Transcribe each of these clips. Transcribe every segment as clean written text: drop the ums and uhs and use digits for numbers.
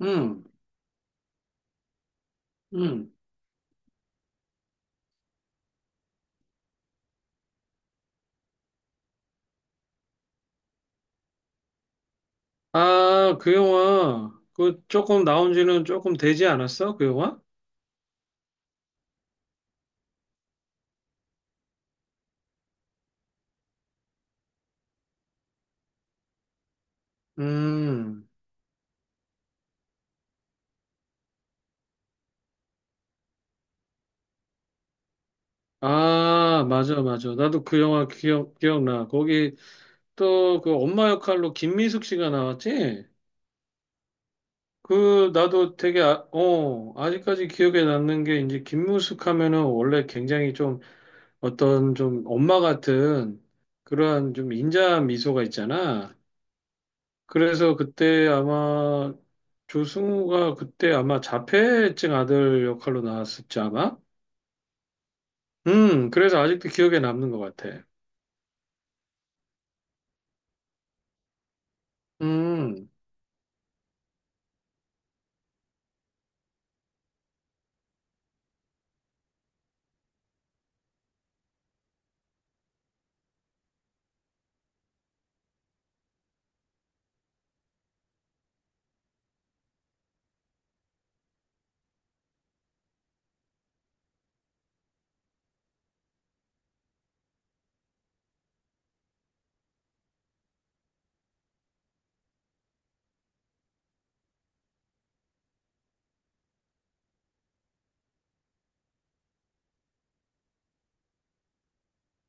응, 응. 아, 그 영화, 그 조금 나온 지는 조금 되지 않았어? 그 영화? 음. 아, 맞아, 맞아. 나도 그 영화 기억나. 거기 또 그 엄마 역할로 김미숙 씨가 나왔지? 그, 나도 되게, 아, 어, 아직까지 기억에 남는 게 이제 김미숙 하면은 원래 굉장히 좀 어떤 좀 엄마 같은 그러한 좀 인자 미소가 있잖아. 그래서 그때 아마 조승우가 그때 아마 자폐증 아들 역할로 나왔었지 아마? 그래서 아직도 기억에 남는 것 같아. 음,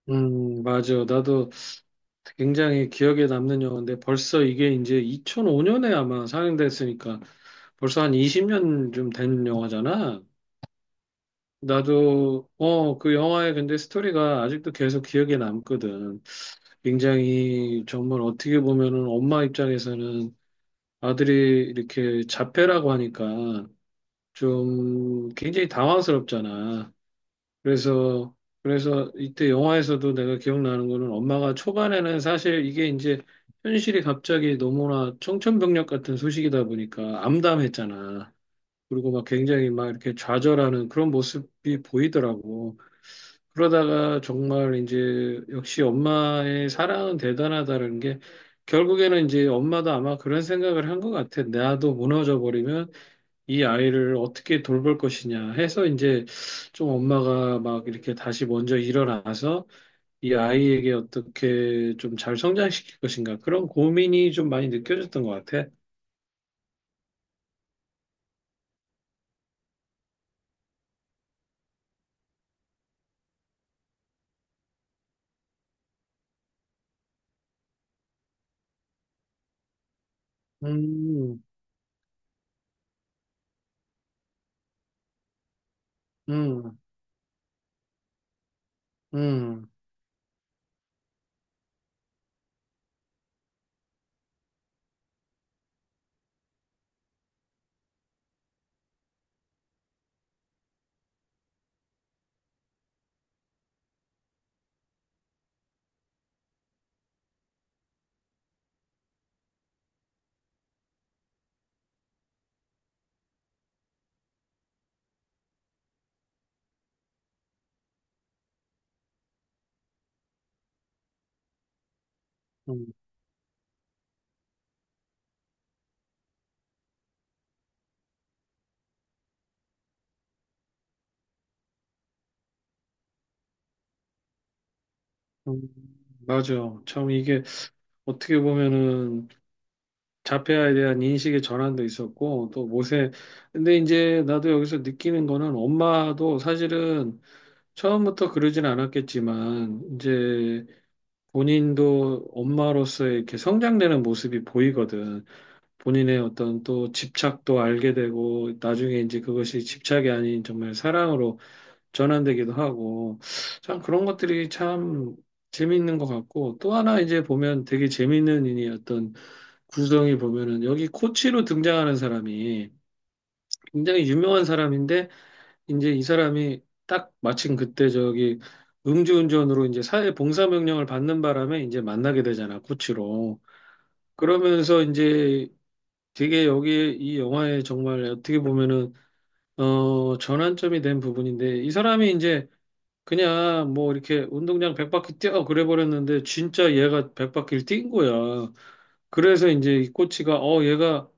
맞아. 나도 굉장히 기억에 남는 영화인데 벌써 이게 이제 2005년에 아마 상영됐으니까 벌써 한 20년 좀 된 영화잖아. 나도, 어, 그 영화의 근데 스토리가 아직도 계속 기억에 남거든. 굉장히 정말 어떻게 보면은 엄마 입장에서는 아들이 이렇게 자폐라고 하니까 좀 굉장히 당황스럽잖아. 그래서, 그래서 이때 영화에서도 내가 기억나는 거는 엄마가 초반에는 사실 이게 이제 현실이 갑자기 너무나 청천벽력 같은 소식이다 보니까 암담했잖아. 그리고 막 굉장히 막 이렇게 좌절하는 그런 모습이 보이더라고. 그러다가 정말 이제 역시 엄마의 사랑은 대단하다는 게 결국에는 이제 엄마도 아마 그런 생각을 한 것 같아. 나도 무너져 버리면 이 아이를 어떻게 돌볼 것이냐 해서 이제 좀 엄마가 막 이렇게 다시 먼저 일어나서 이 아이에게 어떻게 좀 잘 성장시킬 것인가 그런 고민이 좀 많이 느껴졌던 것 같아. 음, 음, 음, 음, 음. 맞아. 참 이게 어떻게 보면은 자폐아에 대한 인식의 전환도 있었고 또 모세 근데 이제 나도 여기서 느끼는 거는 엄마도 사실은 처음부터 그러진 않았겠지만 이제 본인도 엄마로서 이렇게 성장되는 모습이 보이거든. 본인의 어떤 또 집착도 알게 되고 나중에 이제 그것이 집착이 아닌 정말 사랑으로 전환되기도 하고 참 그런 것들이 참 재미있는 것 같고 또 하나 이제 보면 되게 재미있는 일이 어떤 구성이 보면은 여기 코치로 등장하는 사람이 굉장히 유명한 사람인데 이제 이 사람이 딱 마침 그때 저기 음주운전으로 이제 사회 봉사 명령을 받는 바람에 이제 만나게 되잖아 코치로. 그러면서 이제 되게 여기 이 영화에 정말 어떻게 보면은 어 전환점이 된 부분인데 이 사람이 이제 그냥 뭐 이렇게 운동장 100바퀴 뛰어 그래 버렸는데 진짜 얘가 100바퀴를 뛴 거야. 그래서 이제 이 코치가 어 얘가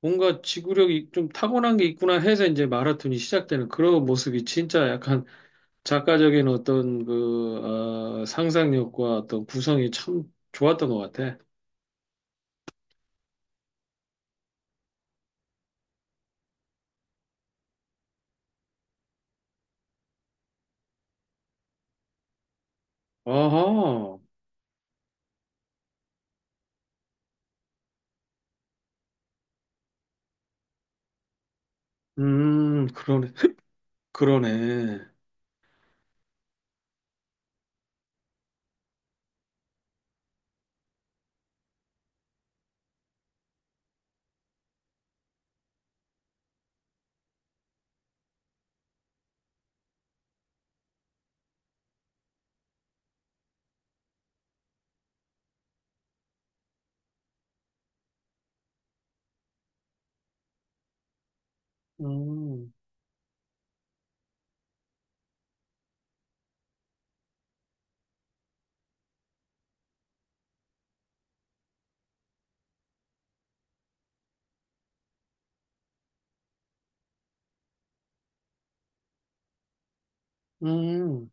뭔가 지구력이 좀 타고난 게 있구나 해서 이제 마라톤이 시작되는 그런 모습이 진짜 약간 작가적인 어떤 그 어, 상상력과 어떤 구성이 참 좋았던 것 같아. 아하. 그러네. 그러네. 음. 음.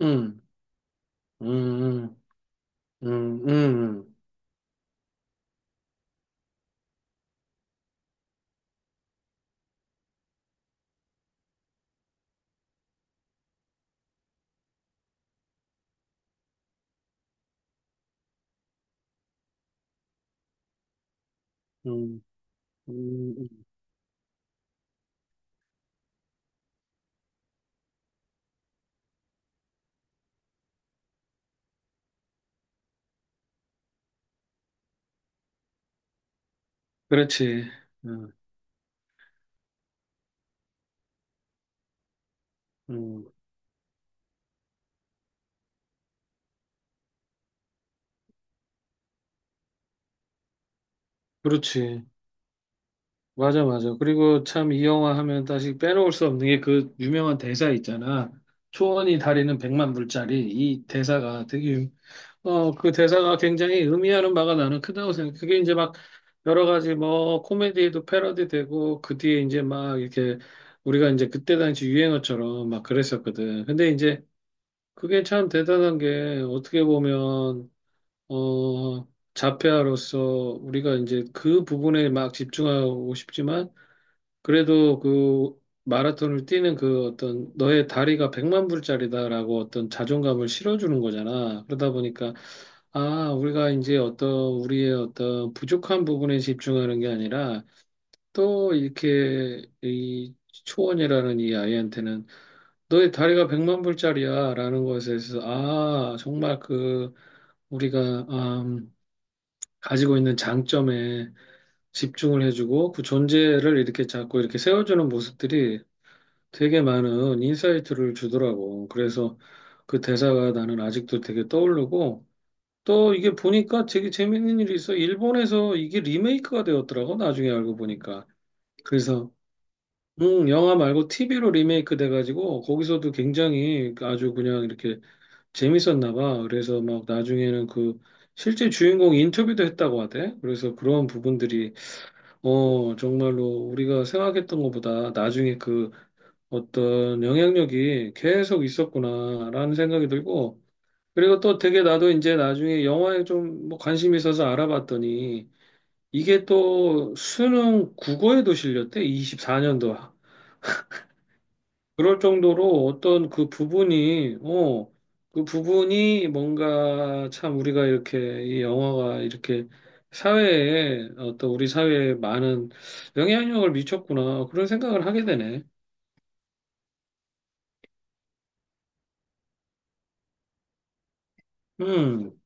음. 음. 음. 음. 음. 음. 음, 그렇지. 음, 음, 그렇지. 맞아, 맞아. 그리고 참 이 영화 하면 다시 빼놓을 수 없는 게 그 유명한 대사 있잖아. 초원이 다리는 백만 불짜리. 이 대사가 되게, 유- 어, 그 대사가 굉장히 의미하는 바가 나는 크다고 생각해. 그게 이제 막 여러 가지 뭐 코미디에도 패러디 되고 그 뒤에 이제 막 이렇게 우리가 이제 그때 당시 유행어처럼 막 그랬었거든. 근데 이제 그게 참 대단한 게 어떻게 보면 어, 자폐아로서 우리가 이제 그 부분에 막 집중하고 싶지만 그래도 그 마라톤을 뛰는 그 어떤 너의 다리가 백만 불짜리다라고 어떤 자존감을 실어주는 거잖아. 그러다 보니까 아, 우리가 이제 어떤 우리의 어떤 부족한 부분에 집중하는 게 아니라 또 이렇게 이 초원이라는 이 아이한테는 너의 다리가 백만 불짜리야라는 것에 대해서 아, 정말 그 우리가 아, 가지고 있는 장점에 집중을 해주고 그 존재를 이렇게 자꾸 이렇게 세워주는 모습들이 되게 많은 인사이트를 주더라고. 그래서 그 대사가 나는 아직도 되게 떠오르고 또 이게 보니까 되게 재밌는 일이 있어. 일본에서 이게 리메이크가 되었더라고. 나중에 알고 보니까. 그래서 영화 말고 TV로 리메이크 돼가지고 거기서도 굉장히 아주 그냥 이렇게 재밌었나 봐. 그래서 막 나중에는 그 실제 주인공 인터뷰도 했다고 하대. 그래서 그런 부분들이 어, 정말로 우리가 생각했던 것보다 나중에 그 어떤 영향력이 계속 있었구나라는 생각이 들고, 그리고 또 되게 나도 이제 나중에 영화에 좀 뭐 관심이 있어서 알아봤더니, 이게 또 수능 국어에도 실렸대, 24년도. 그럴 정도로 어떤 그 부분이, 어, 그 부분이 뭔가 참 우리가 이렇게 이 영화가 이렇게 사회에 어떤 우리 사회에 많은 영향력을 미쳤구나. 그런 생각을 하게 되네. 음,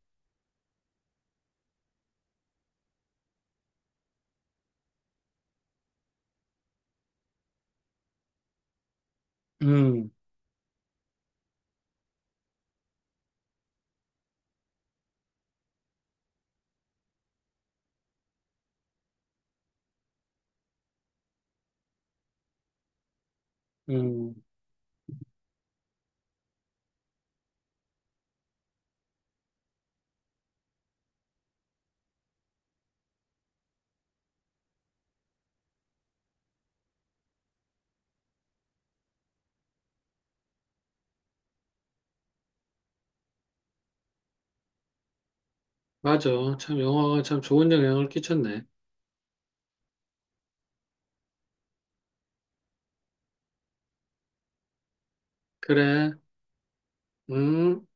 음, 음. 맞아. 참 영화가 참 좋은 영향을 끼쳤네. 그래. 음.